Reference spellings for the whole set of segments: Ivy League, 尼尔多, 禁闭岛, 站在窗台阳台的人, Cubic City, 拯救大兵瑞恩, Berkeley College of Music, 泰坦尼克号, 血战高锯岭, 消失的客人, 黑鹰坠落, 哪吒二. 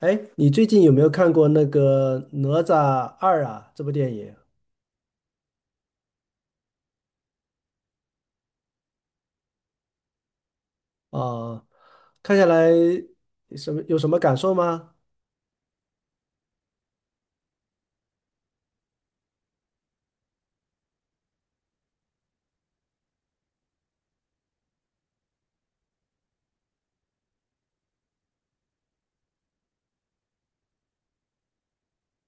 哎，你最近有没有看过那个《哪吒二》啊？这部电影啊，看下来有什么感受吗？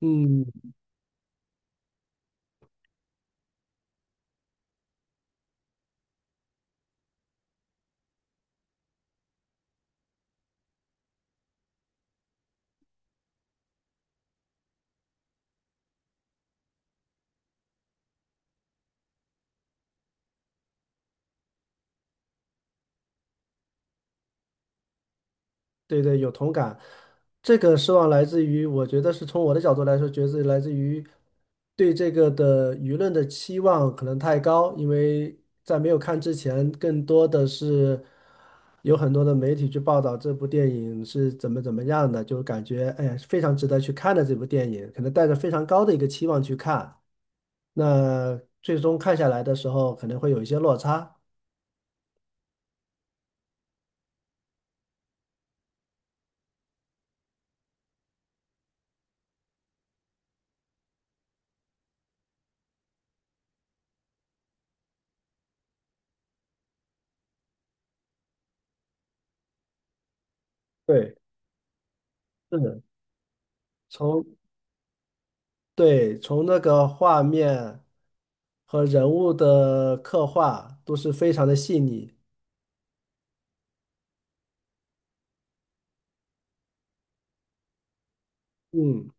嗯，对对，有同感。这个失望来自于，我觉得是从我的角度来说，觉得来自于对这个的舆论的期望可能太高，因为在没有看之前，更多的是有很多的媒体去报道这部电影是怎么怎么样的，就感觉哎呀非常值得去看的这部电影，可能带着非常高的一个期望去看，那最终看下来的时候可能会有一些落差。对，是的，从对，从那个画面和人物的刻画都是非常的细腻。嗯，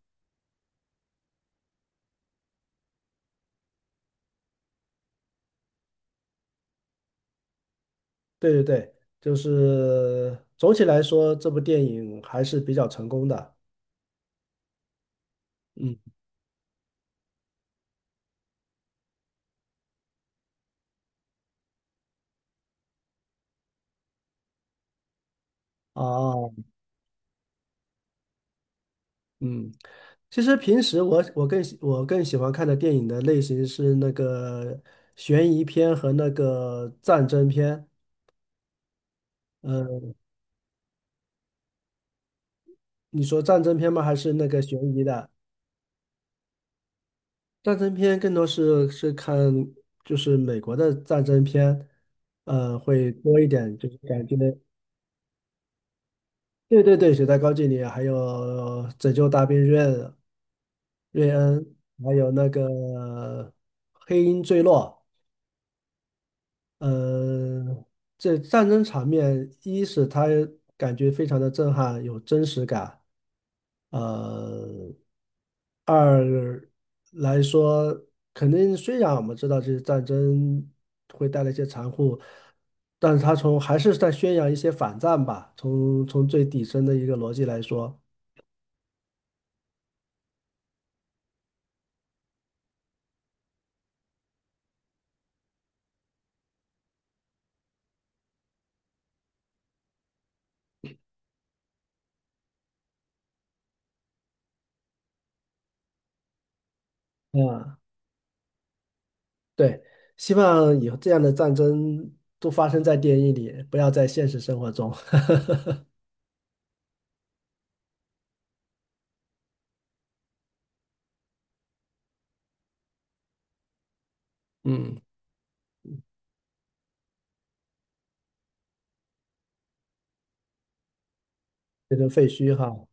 对对对，就是总体来说，这部电影还是比较成功的。嗯，哦，嗯，其实平时我更喜欢看的电影的类型是那个悬疑片和那个战争片。呃，你说战争片吗？还是那个悬疑的？战争片更多是看就是美国的战争片，会多一点，就是感觉对对对，《血战高锯岭》，还有《拯救大兵瑞恩》瑞恩，还有那个《黑鹰坠落》呃，这战争场面，一是它感觉非常的震撼，有真实感，呃，二来说，肯定虽然我们知道这些战争会带来一些残酷，但是它还是在宣扬一些反战吧，从最底层的一个逻辑来说，啊，对，希望以后这样的战争都发生在电影里，不要在现实生活中，这个废墟哈。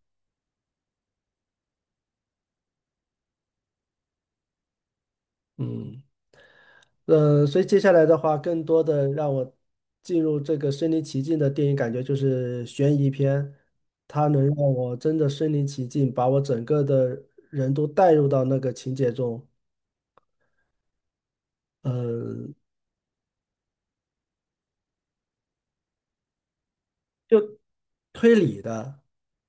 嗯，所以接下来的话，更多的让我进入这个身临其境的电影感觉就是悬疑片，它能让我真的身临其境，把我整个的人都带入到那个情节中。嗯，就推理的，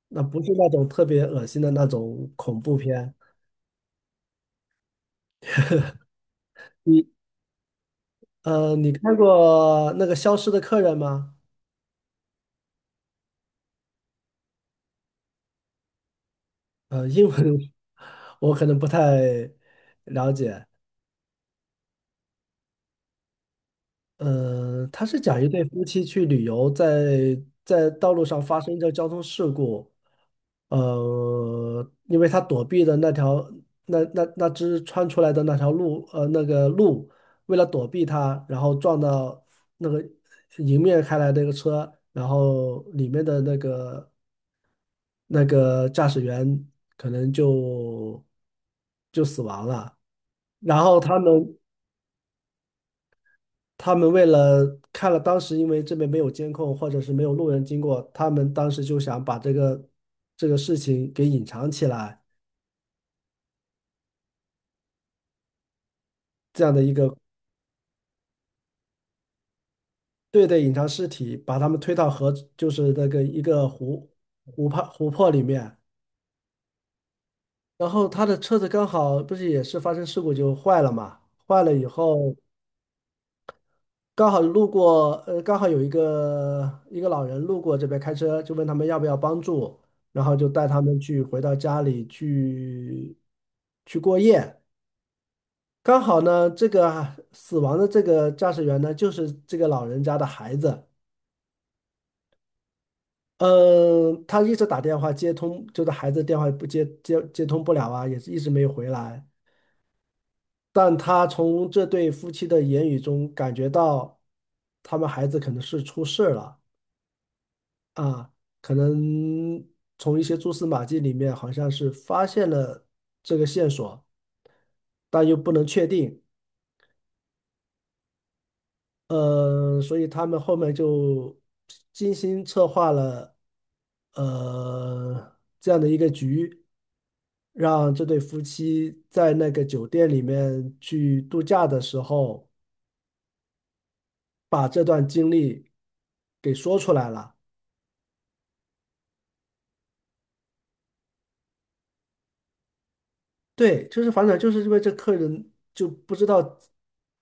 那不是那种特别恶心的那种恐怖片。你你看过那个《消失的客人》吗？呃，英文 我可能不太了解。他是讲一对夫妻去旅游在，在道路上发生一个交通事故，因为他躲避的那条那只穿出来的那条路，呃，那个鹿为了躲避他，然后撞到那个迎面开来的一个车，然后里面的那个驾驶员可能就死亡了，然后他们。他们为了看了当时因为这边没有监控或者是没有路人经过，他们当时就想把这个事情给隐藏起来，这样的一个对对，隐藏尸体，把他们推到河，就是那个一个湖湖泊里面，然后他的车子刚好不是也是发生事故就坏了嘛，坏了以后。刚好路过，呃，刚好有一个老人路过这边开车，就问他们要不要帮助，然后就带他们去回到家里去去过夜。刚好呢，这个死亡的这个驾驶员呢，就是这个老人家的孩子。嗯，他一直打电话接通，就是孩子电话不接通不了啊，也是一直没有回来。但他从这对夫妻的言语中感觉到，他们孩子可能是出事了。啊，可能从一些蛛丝马迹里面，好像是发现了这个线索，但又不能确定。所以他们后面就精心策划了，这样的一个局，让这对夫妻在那个酒店里面去度假的时候，把这段经历给说出来了。对，就是反转，就是因为这客人就不知道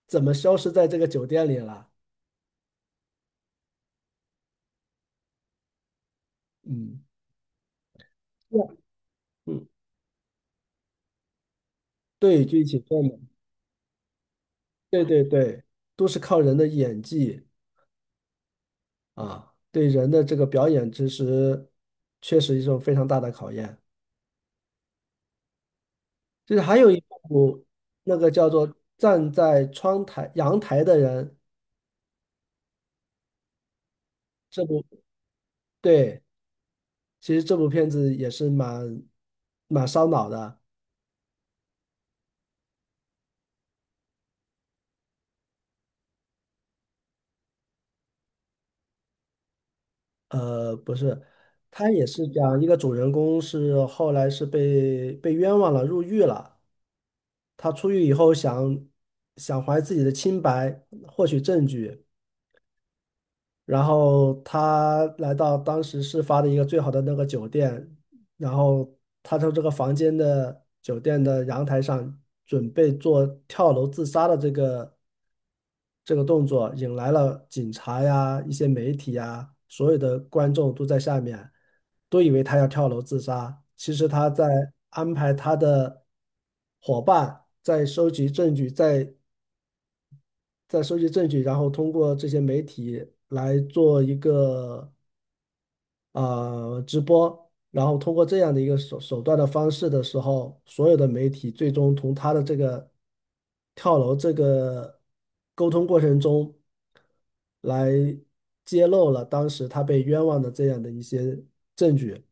怎么消失在这个酒店里了。嗯，对嗯，对，就一起转嘛对对对，都是靠人的演技啊，对人的这个表演知识，确实一种非常大的考验。就是还有一部那个叫做《站在窗台阳台的人》这部，对，其实这部片子也是蛮烧脑的。不是，他也是讲一个主人公是后来是被冤枉了，入狱了。他出狱以后想怀自己的清白，获取证据，然后他来到当时事发的一个最好的那个酒店，然后他从这个房间的酒店的阳台上准备做跳楼自杀的这个。这个动作引来了警察呀、一些媒体呀，所有的观众都在下面，都以为他要跳楼自杀。其实他在安排他的伙伴在收集证据，在在收集证据，然后通过这些媒体来做一个啊，直播，然后通过这样的一个手段的方式的时候，所有的媒体最终从他的这个跳楼这个沟通过程中来揭露了当时他被冤枉的这样的一些证据。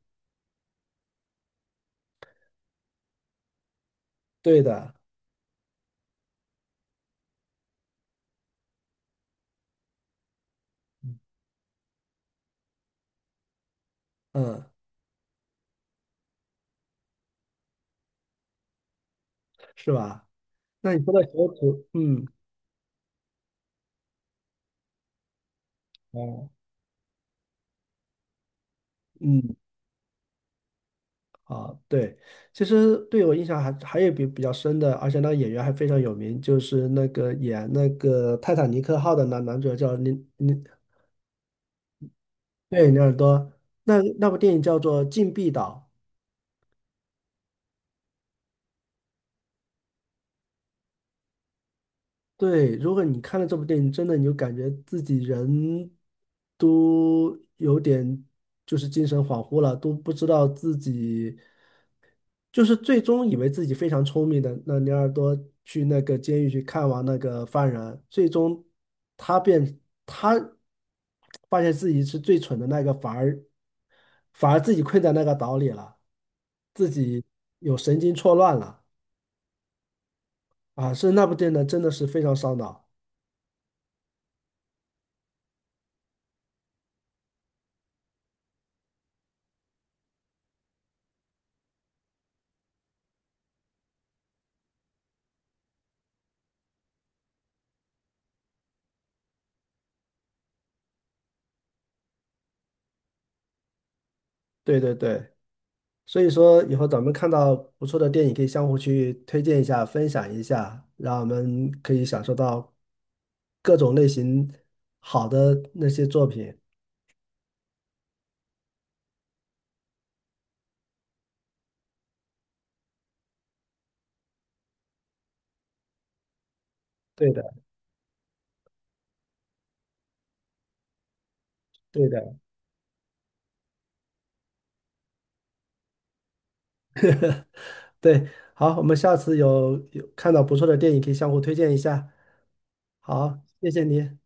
对的，嗯，是吧？那你说的小组，嗯哦，嗯。啊，对，其实对我印象还有比较深的，而且那个演员还非常有名，就是那个演那个《泰坦尼克号》的男主角叫尼尼，对，尼尔多。那那部电影叫做《禁闭岛》。对，如果你看了这部电影，真的你就感觉自己人都有点就是精神恍惚了，都不知道自己。就是最终以为自己非常聪明的那尼尔多去那个监狱去看望那个犯人，最终他变他发现自己是最蠢的那个，反而自己困在那个岛里了，自己有神经错乱了啊！是那部电影真的是非常烧脑。对对对，所以说以后咱们看到不错的电影，可以相互去推荐一下、分享一下，让我们可以享受到各种类型好的那些作品。对的，对的，对。好，我们下次有看到不错的电影，可以相互推荐一下。好，谢谢你。